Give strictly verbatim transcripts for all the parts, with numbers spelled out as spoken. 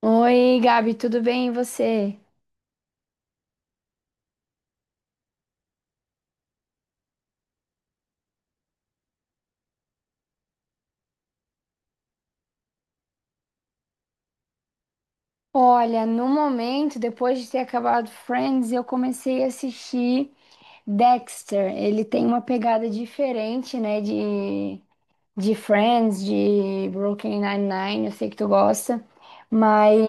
Oi, Gabi, tudo bem? E você? Olha, no momento, depois de ter acabado Friends, eu comecei a assistir Dexter. Ele tem uma pegada diferente, né, de, de Friends, de Brooklyn Nine-Nine, eu sei que tu gosta, mas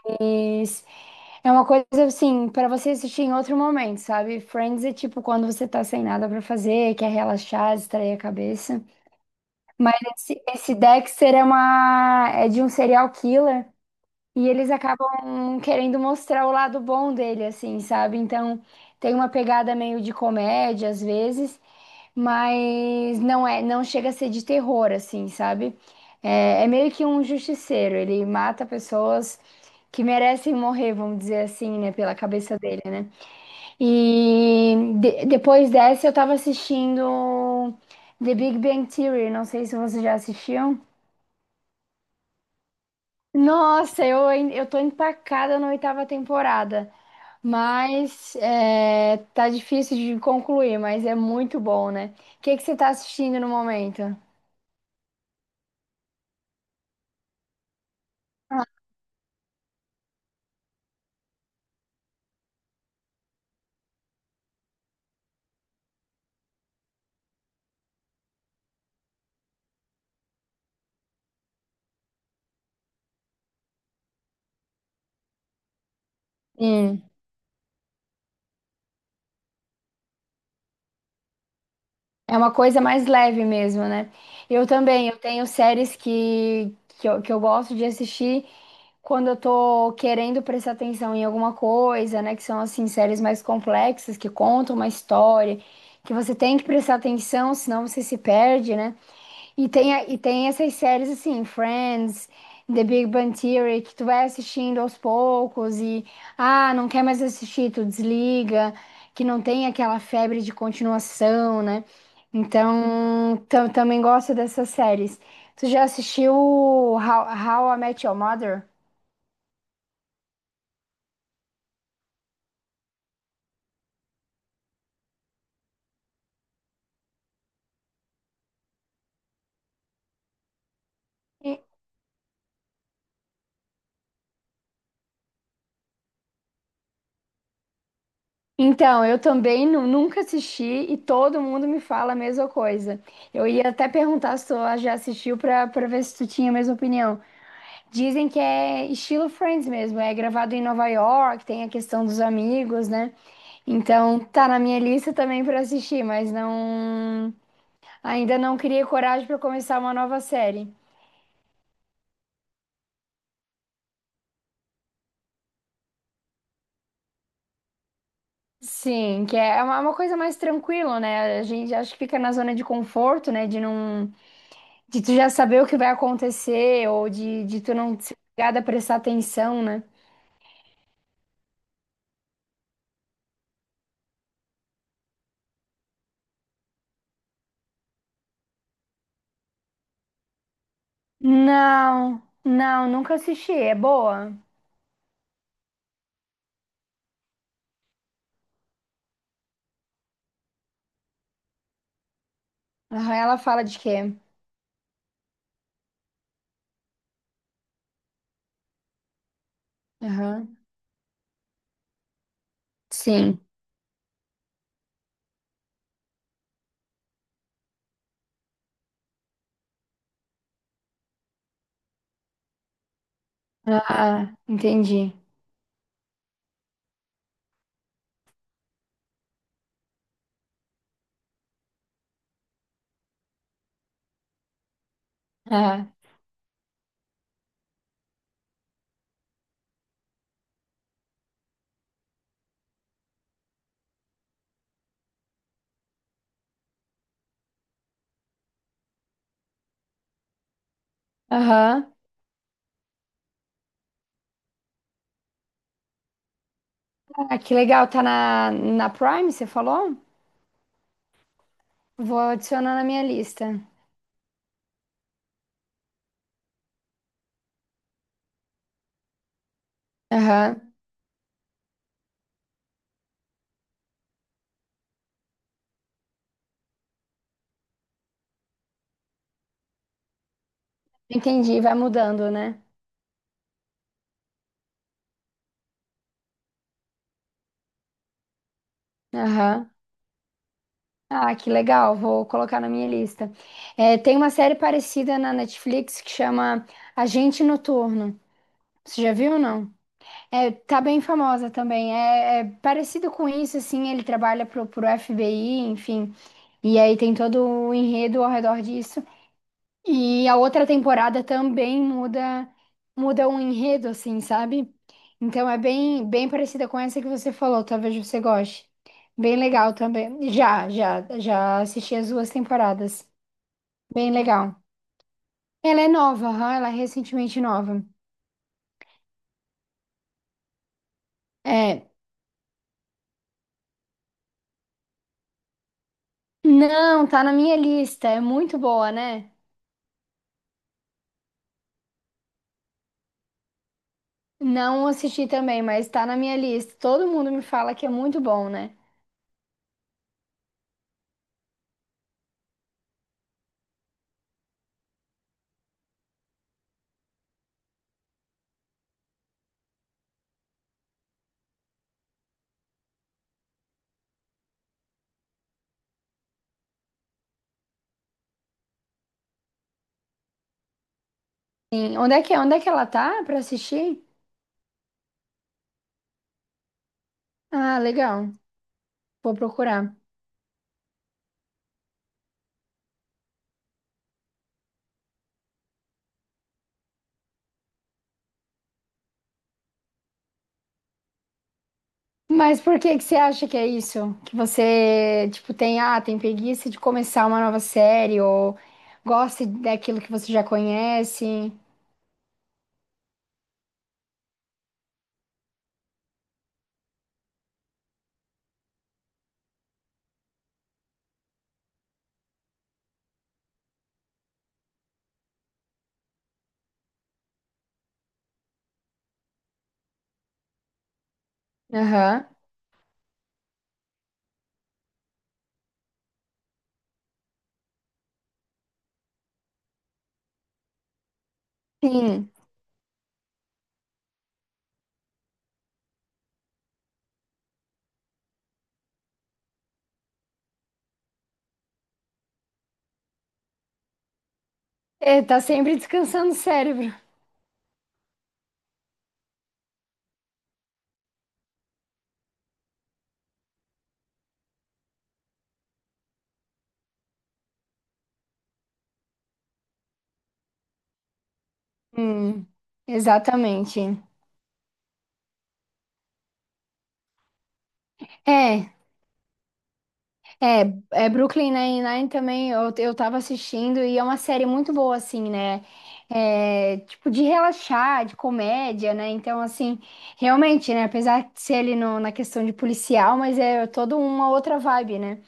é uma coisa assim, para você assistir em outro momento, sabe? Friends é tipo quando você tá sem nada para fazer, quer relaxar, distrair a cabeça. Mas esse, esse Dexter é uma é de um serial killer. E eles acabam querendo mostrar o lado bom dele, assim, sabe? Então, tem uma pegada meio de comédia às vezes, mas não é, não chega a ser de terror, assim, sabe? É, é meio que um justiceiro, ele mata pessoas que merecem morrer, vamos dizer assim, né, pela cabeça dele, né? E de- depois dessa eu tava assistindo The Big Bang Theory, não sei se vocês já assistiam. Nossa, eu, ain- eu tô empacada na oitava temporada, mas é, tá difícil de concluir, mas é muito bom, né? O que que você tá assistindo no momento? Ah, sim, é uma coisa mais leve mesmo, né? Eu também, eu tenho séries que, que eu, que eu gosto de assistir quando eu tô querendo prestar atenção em alguma coisa, né? Que são, assim, séries mais complexas, que contam uma história, que você tem que prestar atenção, senão você se perde, né? E tem, a- e tem essas séries assim, Friends, The Big Bang Theory, que tu vai assistindo aos poucos e, ah, não quer mais assistir, tu desliga, que não tem aquela febre de continuação, né? Então, tam- também gosto dessas séries. Tu já assistiu How, How I Met Your Mother? E- Então, eu também nu- nunca assisti e todo mundo me fala a mesma coisa. Eu ia até perguntar se tu já assistiu pra para ver se tu tinha a mesma opinião. Dizem que é estilo Friends mesmo, é gravado em Nova York, tem a questão dos amigos, né? Então tá na minha lista também pra assistir, mas não ainda não criei coragem pra começar uma nova série. Sim, que é uma uma coisa mais tranquila, né? A gente acho que fica na zona de conforto, né? De não de tu já saber o que vai acontecer ou de, de tu não ser obrigada a prestar atenção, né? Não, não, nunca assisti. É boa. Aham, ela fala de quê? Aham. Sim. Ah, entendi. Ah, aham. Ah, que legal, tá na, na Prime, você falou? Vou adicionar na minha lista. Aham. Entendi, vai mudando, né? Aham. Ah, que legal, vou colocar na minha lista. É, tem uma série parecida na Netflix que chama Agente Noturno. Você já viu ou não? É, tá bem famosa também. É, é parecido com isso, assim, ele trabalha pro, pro F B I, enfim. E aí tem todo o enredo ao redor disso. E a outra temporada também muda muda o enredo, assim, sabe? Então é bem bem parecida com essa que você falou, talvez você goste. Bem legal também. Já, já, já assisti as duas temporadas. Bem legal. Ela é nova, aham, ela é recentemente nova. É. Não, tá na minha lista. É muito boa, né? Não assisti também, mas tá na minha lista. Todo mundo me fala que é muito bom, né? Sim. Onde é que, é, onde é que ela tá pra assistir? Ah, legal. Vou procurar. Mas por que que você acha que é isso? Que você, tipo, tem, ah, tem preguiça de começar uma nova série ou gosta daquilo que você já conhece? Aham. Sim. É, tá sempre descansando o cérebro. Hum, exatamente. É, É, é Brooklyn Nine-Nine também eu, eu tava assistindo e é uma série muito boa, assim, né? É, tipo, de relaxar, de comédia, né? Então, assim, realmente, né? Apesar de ser ali no- na questão de policial, mas é toda uma outra vibe, né?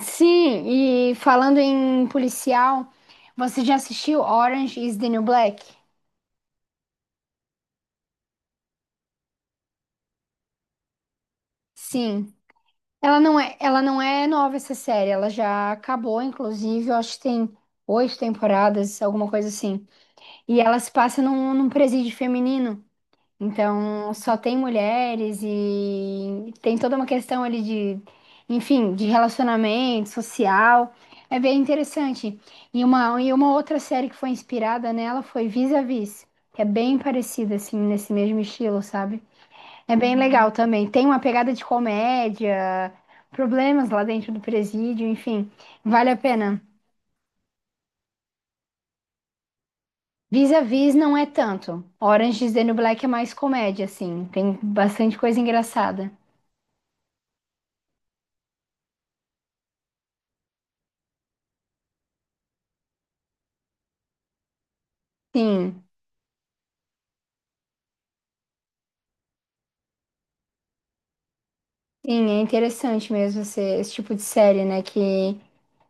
Sim, e falando em policial, você já assistiu Orange is the New Black? Sim. Ela não é, ela não é nova essa série, ela já acabou, inclusive, eu acho que tem oito temporadas, alguma coisa assim. E ela se passa num, num presídio feminino. Então, só tem mulheres e tem toda uma questão ali de, enfim, de relacionamento social. É bem interessante. E uma, e uma outra série que foi inspirada nela foi Vis-a-Vis, que é bem parecida, assim, nesse mesmo estilo, sabe? É bem legal também. Tem uma pegada de comédia, problemas lá dentro do presídio, enfim, vale a pena. Vis-a-vis não é tanto. Orange is the New Black é mais comédia, assim. Tem bastante coisa engraçada. Sim, sim, é interessante mesmo esse, esse tipo de série, né? Que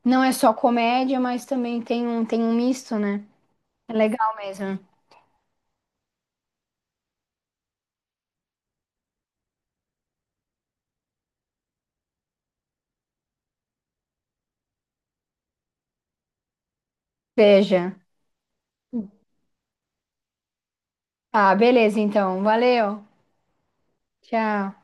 não é só comédia, mas também tem um, tem um misto, né? É legal mesmo. Veja. Ah, beleza, então. Valeu. Tchau.